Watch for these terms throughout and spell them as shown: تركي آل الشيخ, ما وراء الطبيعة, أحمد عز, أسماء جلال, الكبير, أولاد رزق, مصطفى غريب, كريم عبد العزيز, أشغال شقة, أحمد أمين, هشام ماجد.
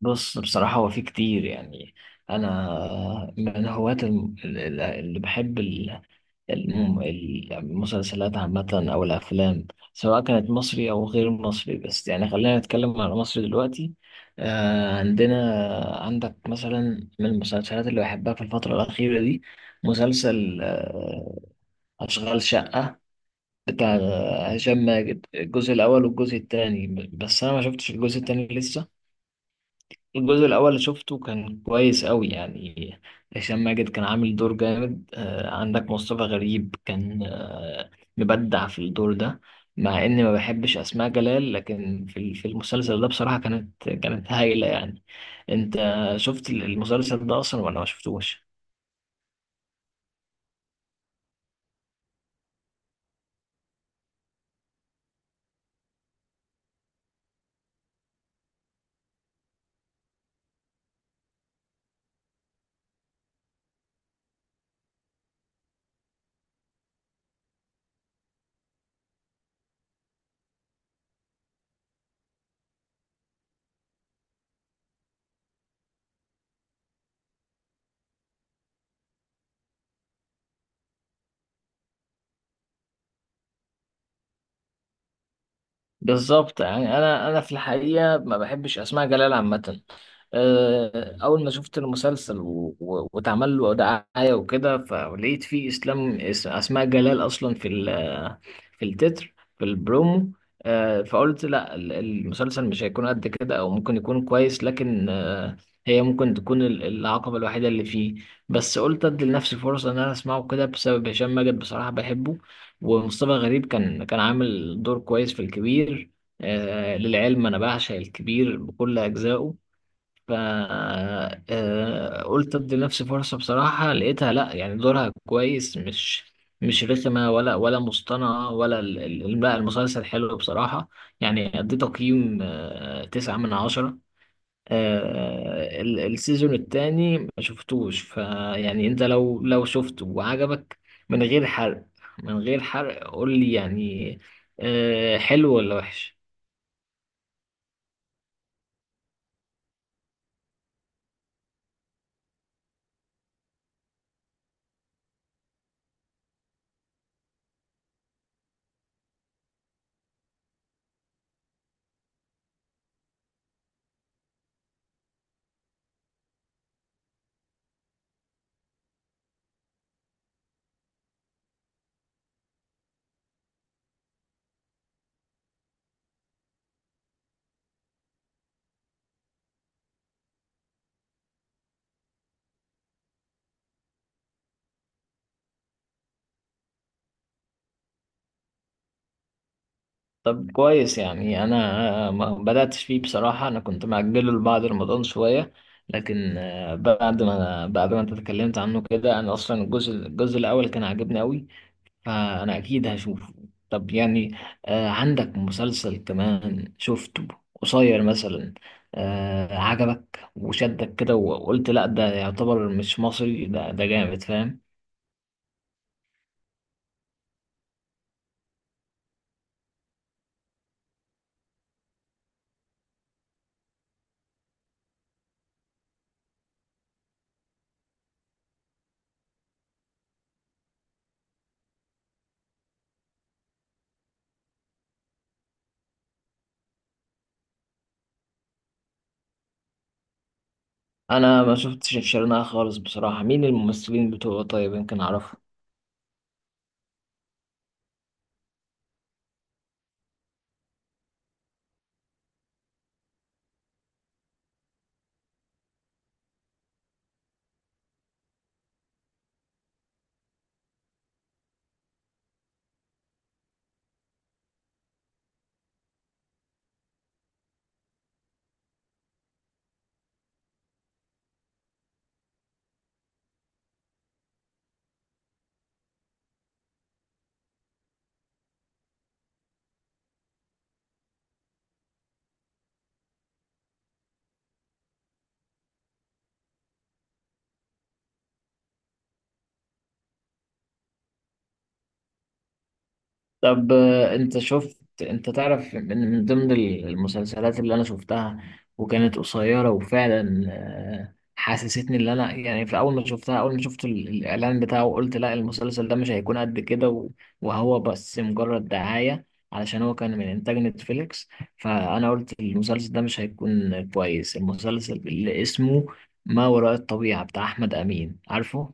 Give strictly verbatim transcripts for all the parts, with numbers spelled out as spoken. بص بصراحة هو في كتير يعني. أنا من هواة الم- ال- ال- اللي بحب ال- الم- المسلسلات عامة أو الأفلام، سواء كانت مصري أو غير مصري. بس يعني خلينا نتكلم على مصر دلوقتي. آه، عندنا عندك مثلا من المسلسلات اللي بحبها في الفترة الأخيرة دي مسلسل آه، أشغال شقة بتاع هشام ماجد، الجزء الأول والجزء التاني. بس أنا ما شفتش الجزء التاني لسه. الجزء الأول اللي شفته كان كويس أوي يعني. هشام ماجد كان عامل دور جامد. آه، عندك مصطفى غريب كان آه، مبدع في الدور ده. مع إني ما بحبش أسماء جلال، لكن في ال- في المسلسل ده بصراحة كانت كانت هايلة يعني. أنت شفت المسلسل ده أصلا ولا ما شفتوش؟ بالظبط. يعني انا انا في الحقيقه ما بحبش اسماء جلال عامه. أه، اول ما شفت المسلسل و- و- واتعمل له دعايه وكده، فلقيت فيه اسلام اس- اسماء جلال اصلا في ال- في التتر في البرومو. أه، فقلت لا ال- المسلسل مش هيكون قد كده، او ممكن يكون كويس، لكن أه، هي ممكن تكون ال- العقبه الوحيده اللي فيه. بس قلت ادي لنفسي فرصه ان انا اسمعه كده بسبب هشام ماجد، بصراحه بحبه. ومصطفى غريب كان كان عامل دور كويس في الكبير. آه، للعلم انا بعشق الكبير بكل اجزائه. ف آه قلت ادي لنفسي فرصة. بصراحة لقيتها لا، يعني دورها كويس، مش مش رخمة ولا ولا مصطنعة ولا ال- ال- لا، المسلسل حلو بصراحة. يعني ادي تقييم آه تسعة من عشرة. آه، ال- السيزون التاني ما شفتوش، فيعني انت لو لو شفته وعجبك، من غير حرق، من غير حرق قول لي يعني آه، حلو ولا وحش. طب كويس، يعني انا ما بدأتش فيه بصراحة. انا كنت مأجله لبعد رمضان شوية، لكن آه، بعد ما بعد ما انت اتكلمت عنه كده، انا اصلا الجزء الجزء الاول كان عاجبني قوي، فأنا أكيد هشوفه. طب يعني آه، عندك مسلسل كمان شفته قصير مثلا، آه، عجبك وشدك كده وقلت لأ ده يعتبر مش مصري، ده ده جامد فاهم؟ أنا ما شفتش الشرنقة خالص بصراحة. مين الممثلين بتوعه؟ طيب يمكن أعرفه. طب آه، انت شفت، انت تعرف من من ضمن ال- المسلسلات اللي انا شفتها وكانت قصيرة وفعلا آه، حسستني اللي انا يعني في اول ما شفتها، اول ما شفت ال- الاعلان بتاعه قلت لا المسلسل ده مش هيكون قد كده، و- وهو بس مجرد دعاية، علشان هو كان من انتاج نتفليكس، فانا قلت المسلسل ده مش هيكون كويس. المسلسل اللي اسمه ما وراء الطبيعة بتاع احمد امين، عارفه؟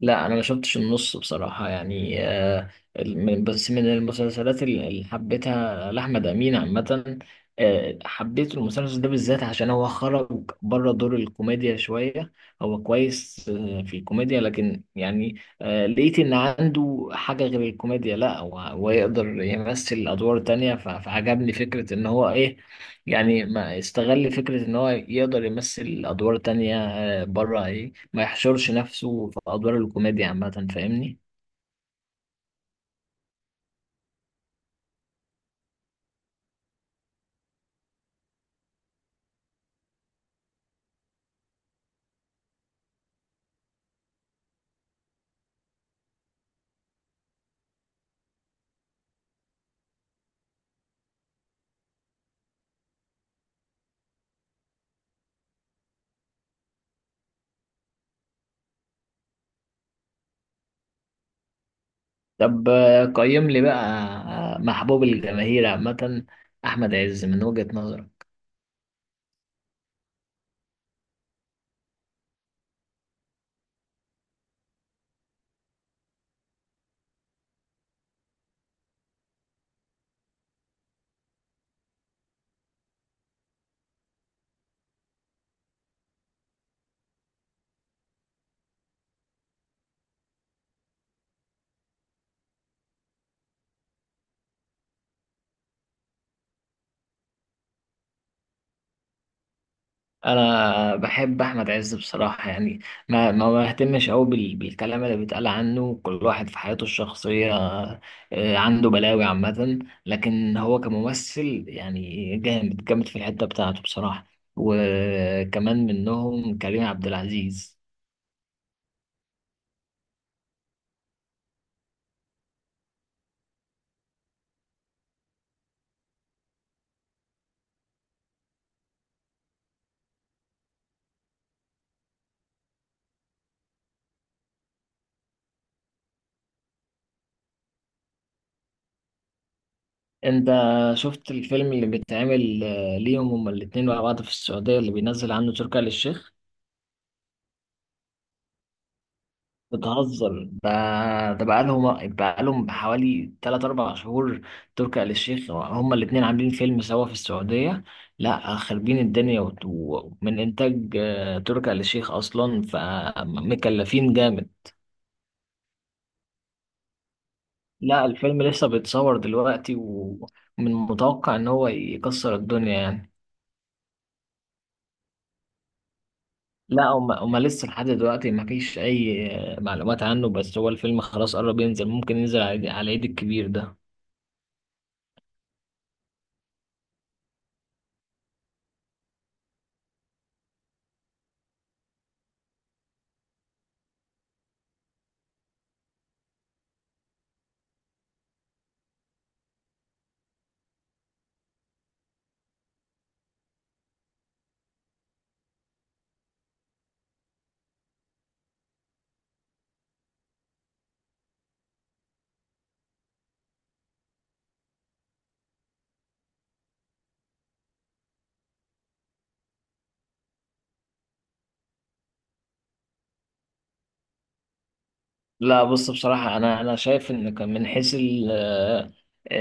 لا انا ما شفتش النص بصراحه. يعني آه، من- بس من المسلسلات اللي اللي حبيتها لاحمد امين عامه، آه، حبيت المسلسل ده بالذات عشان هو خرج بره دور الكوميديا شويه. هو كويس آه، في الكوميديا، لكن يعني آه، لقيت ان عنده حاجه غير الكوميديا. لا، هو هو يقدر يمثل ادوار تانية، ف- فعجبني فكره ان هو ايه، يعني ما استغل فكره ان هو يقدر يمثل ادوار تانية آه، بره، ما يحشرش نفسه في أدوار الكوميديا عامة، فاهمني؟ طب آه، قيم لي بقى آه، محبوب الجماهير عامة أحمد عز من وجهة نظرك. أنا بحب أحمد عز بصراحة يعني، ما ما بهتمش أوي بال- بالكلام اللي بيتقال عنه. كل واحد في حياته الشخصية آه، عنده بلاوي عامة، لكن هو كممثل يعني جامد جامد في الحتة بتاعته بصراحة. وكمان منهم كريم عبد العزيز. انت شفت الفيلم اللي بيتعمل آه، ليهم هما الاتنين مع بعض في السعودية، اللي بينزل عنه تركي آل الشيخ؟ بتهزر؟ ده ده بقالهم بقالهم حوالي تلاتة اربعة شهور. تركي آل الشيخ، هما الاتنين عاملين فيلم سوا في السعودية. لا، خربين الدنيا، وت- ومن انتاج آه، تركي آل الشيخ اصلا، فمكلفين جامد. لا الفيلم لسه بيتصور دلوقتي، ومن متوقع ان هو يكسر الدنيا يعني. لا، هم هم لسه لحد دلوقتي ما فيش اي معلومات عنه، بس هو الفيلم خلاص قرب ينزل، ممكن ينزل على عيد، على عيد الكبير ده. لا بص بصراحة أنا أنا شايف إن كان من حيث ال آه،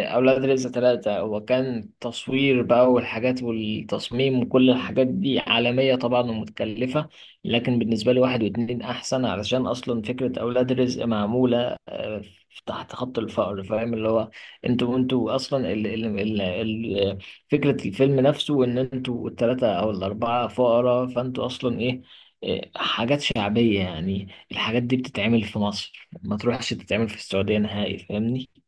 أولاد رزق ثلاثة، هو كان تصوير بقى والحاجات والتصميم وكل الحاجات دي عالمية طبعا ومتكلفة، لكن بالنسبة لي واحد واتنين أحسن، علشان أصلا فكرة أولاد رزق معمولة آه، تحت خط الفقر، فاهم اللي هو انتوا انتوا أصلا ال ال ال ال فكرة الفيلم نفسه إن انتوا الثلاثة أو الأربعة فقراء، فانتوا أصلا إيه آه، حاجات شعبية يعني. الحاجات دي بتتعمل في مصر، ما تروحش تتعمل في السعودية نهائي، فاهمني؟